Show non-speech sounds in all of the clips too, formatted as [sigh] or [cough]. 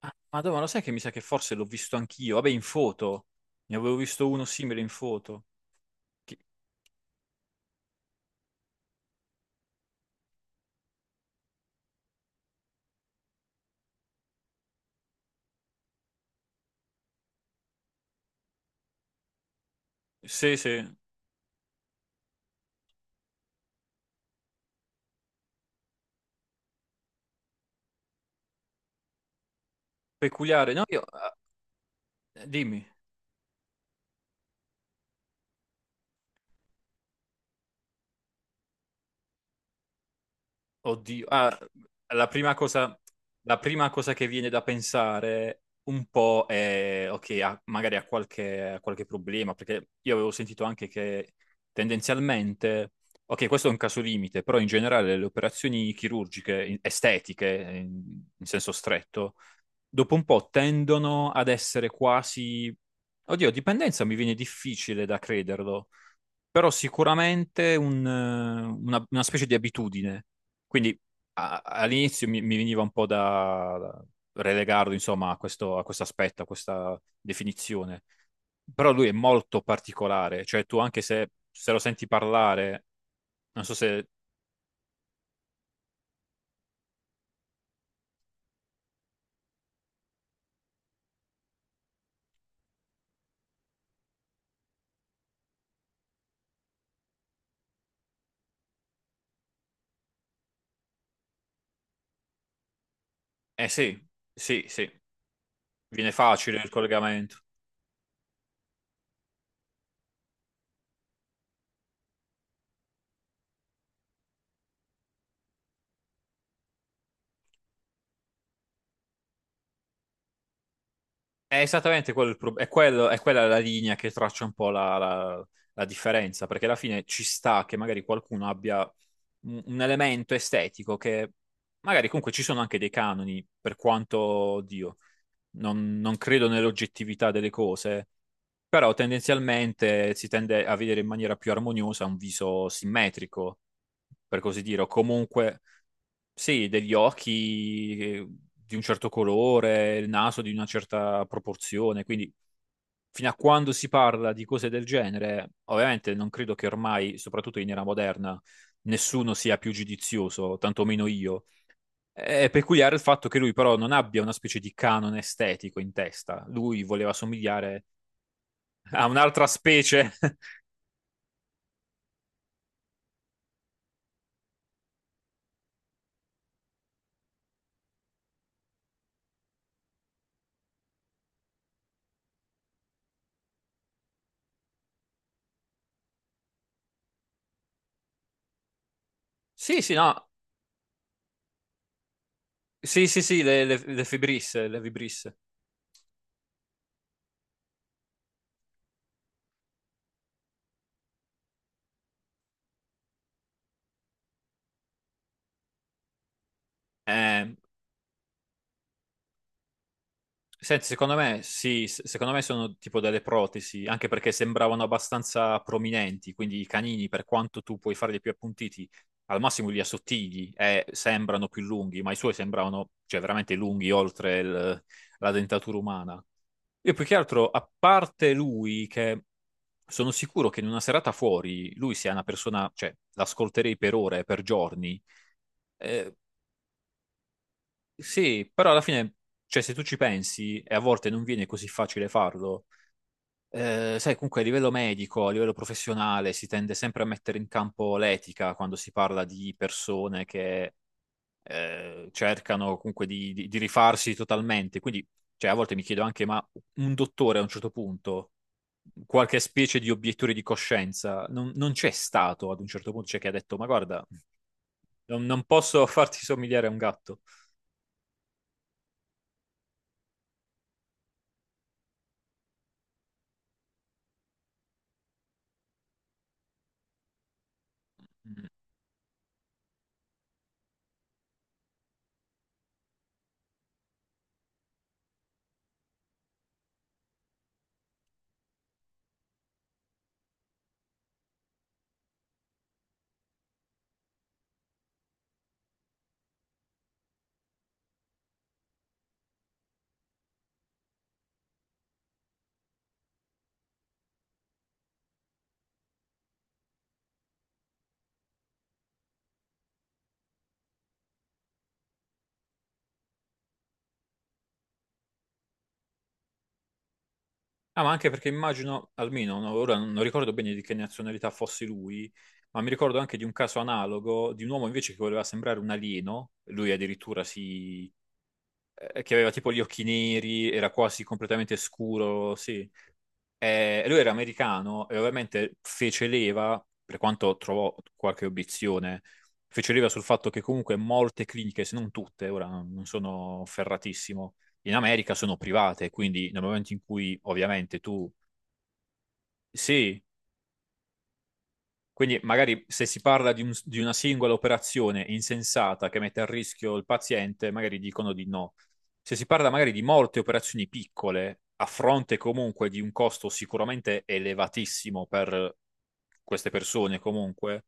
Ah, Madonna, lo sai che mi sa che forse l'ho visto anch'io? Vabbè, in foto. Ne avevo visto uno simile in foto. Chi- Sì, sì, peculiare. No, io... ah, dimmi. Oddio. Ah, la prima cosa, la prima cosa che viene da pensare un po' è... Ok, ah, magari ha qualche problema, perché io avevo sentito anche che tendenzialmente... Ok, questo è un caso limite, però in generale le operazioni chirurgiche, estetiche, in senso stretto dopo un po' tendono ad essere quasi... Oddio, dipendenza mi viene difficile da crederlo, però sicuramente una specie di abitudine. Quindi all'inizio mi veniva un po' da relegarlo, insomma, a questo aspetto, a questa definizione. Però lui è molto particolare, cioè tu anche se lo senti parlare, non so se... Eh sì, sì, sì, viene facile il collegamento. È esattamente quello il prob- è, quello- è quella la linea che traccia un po' la differenza, perché alla fine ci sta che magari qualcuno abbia un elemento estetico che magari comunque ci sono anche dei canoni, per quanto, oddio, non credo nell'oggettività delle cose, però tendenzialmente si tende a vedere in maniera più armoniosa un viso simmetrico, per così dire, o comunque sì, degli occhi di un certo colore, il naso di una certa proporzione, quindi fino a quando si parla di cose del genere, ovviamente non credo che ormai, soprattutto in era moderna, nessuno sia più giudizioso, tantomeno io. È peculiare il fatto che lui però non abbia una specie di canone estetico in testa. Lui voleva somigliare a un'altra specie. [laughs] Sì, sì, no. Sì, sì, sì, le Fibris, le Vibris. Eh, Senti, secondo me sì, secondo me sono tipo delle protesi, anche perché sembravano abbastanza prominenti, quindi i canini, per quanto tu puoi farli più appuntiti, al massimo li assottigli e sembrano più lunghi, ma i suoi sembravano, cioè, veramente lunghi oltre la dentatura umana. Io più che altro, a parte lui, che sono sicuro che in una serata fuori lui sia una persona, cioè, l'ascolterei per ore, per giorni. Eh, sì, però alla fine, cioè, se tu ci pensi, e a volte non viene così facile farlo. Sai, comunque a livello medico, a livello professionale, si tende sempre a mettere in campo l'etica quando si parla di persone che cercano comunque di rifarsi totalmente. Quindi, cioè, a volte mi chiedo anche, ma un dottore a un certo punto, qualche specie di obiettore di coscienza, non c'è stato ad un certo punto, cioè che ha detto, ma guarda, non posso [laughs] farti somigliare a un gatto. Ah, ma anche perché immagino, almeno no, ora non ricordo bene di che nazionalità fosse lui, ma mi ricordo anche di un caso analogo di un uomo invece che voleva sembrare un alieno, lui addirittura si... che aveva tipo gli occhi neri, era quasi completamente scuro, sì. Lui era americano e ovviamente fece leva, per quanto trovò qualche obiezione, fece leva sul fatto che comunque molte cliniche, se non tutte, ora non sono ferratissimo, in America sono private, quindi nel momento in cui ovviamente tu sì, quindi magari se si parla di una singola operazione insensata che mette a rischio il paziente, magari dicono di no. Se si parla magari di molte operazioni piccole, a fronte comunque di un costo sicuramente elevatissimo per queste persone comunque,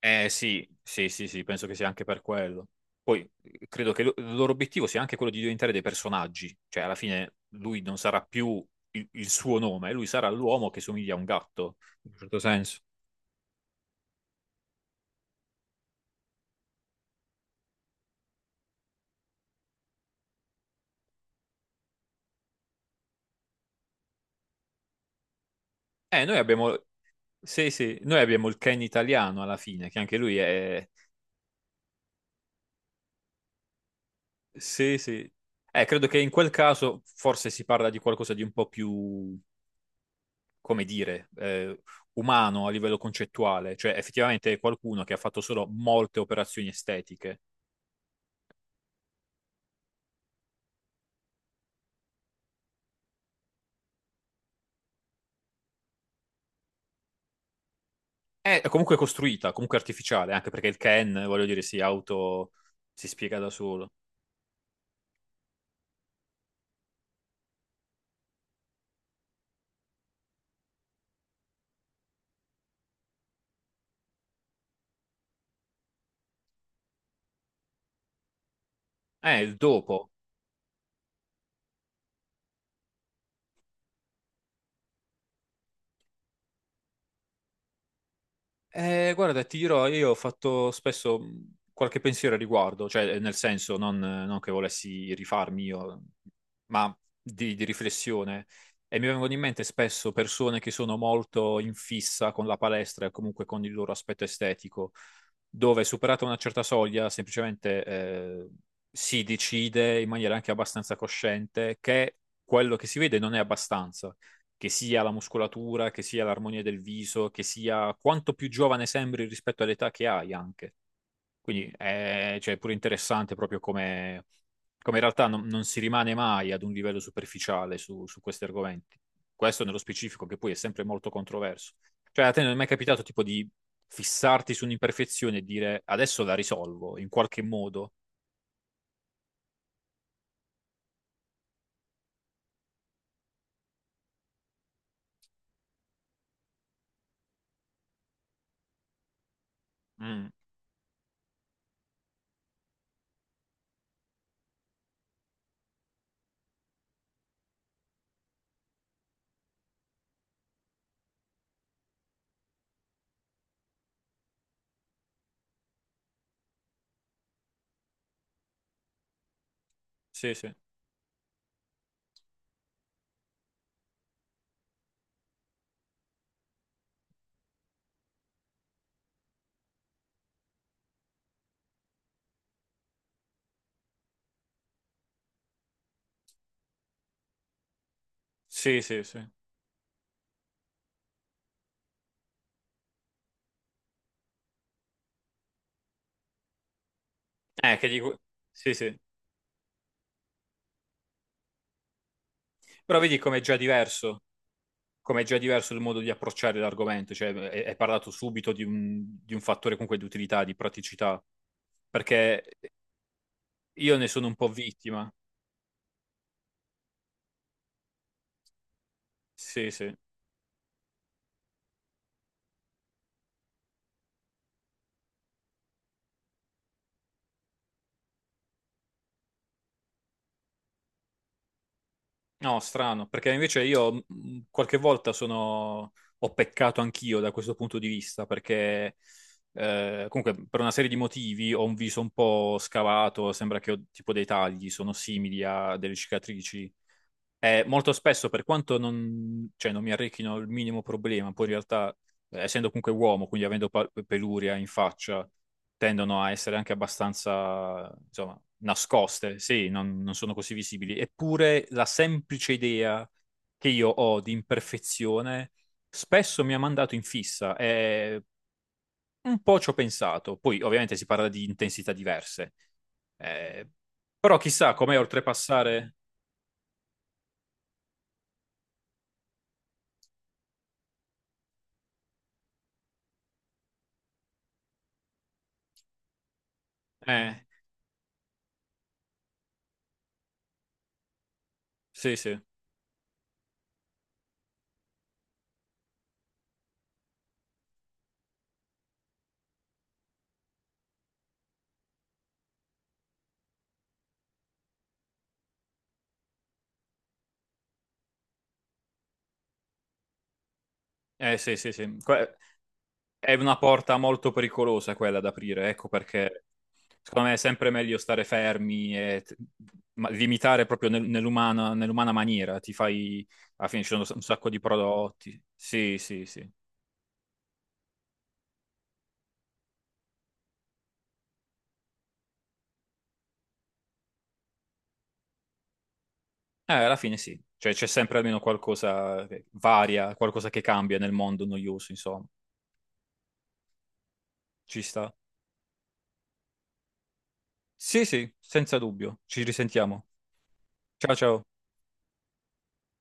eh sì, sì, sì, sì, penso che sia anche per quello. Poi credo che il loro obiettivo sia anche quello di diventare dei personaggi, cioè alla fine lui non sarà più il suo nome, lui sarà l'uomo che somiglia a un gatto, in un certo senso. Eh, noi abbiamo, sì, sì, noi abbiamo il Ken italiano alla fine, che anche lui è, sì, sì. Credo che in quel caso forse si parla di qualcosa di un po' più, come dire, umano a livello concettuale, cioè effettivamente è qualcuno che ha fatto solo molte operazioni estetiche. È comunque costruita, comunque artificiale, anche perché il Ken, voglio dire, si spiega da solo. Il dopo. Guarda, ti dirò, io ho fatto spesso qualche pensiero a riguardo, cioè nel senso non che volessi rifarmi io, ma di riflessione. E mi vengono in mente spesso persone che sono molto in fissa con la palestra e comunque con il loro aspetto estetico, dove superata una certa soglia semplicemente si decide in maniera anche abbastanza cosciente che quello che si vede non è abbastanza, che sia la muscolatura, che sia l'armonia del viso, che sia quanto più giovane sembri rispetto all'età che hai anche. Quindi è cioè, è pure interessante proprio come in realtà non si rimane mai ad un livello superficiale su questi argomenti. Questo nello specifico, che poi è sempre molto controverso. Cioè, a te non è mai capitato tipo di fissarti su un'imperfezione e dire adesso la risolvo in qualche modo? Mm, sì, sì. Sì, sì. Sì, che dico... Sì, sì. Però vedi com'è già diverso. Come è già diverso il modo di approcciare l'argomento, cioè è parlato subito di un fattore comunque di utilità, di praticità, perché io ne sono un po' vittima. Sì, sì. No, strano, perché invece io qualche volta sono... ho peccato anch'io da questo punto di vista, perché comunque per una serie di motivi ho un viso un po' scavato, sembra che ho tipo dei tagli, sono simili a delle cicatrici. Molto spesso, per quanto non, cioè, non mi arricchino il minimo problema, poi in realtà, essendo comunque uomo, quindi avendo peluria in faccia, tendono a essere anche abbastanza, insomma, nascoste, sì, non sono così visibili. Eppure la semplice idea che io ho di imperfezione spesso mi ha mandato in fissa e un po' ci ho pensato. Poi, ovviamente, si parla di intensità diverse. Eh, però chissà com'è oltrepassare... Eh, sì, sì. Eh sì, sì, sì. È una porta molto pericolosa quella da aprire, ecco perché secondo me è sempre meglio stare fermi e limitare proprio nell'umana maniera, ti fai, alla fine ci sono un sacco di prodotti. Sì, sì, sì. Alla fine sì, cioè c'è sempre almeno qualcosa che varia, qualcosa che cambia nel mondo noioso, insomma. Ci sta. Sì, sì, senza dubbio. Ci risentiamo. Ciao, ciao.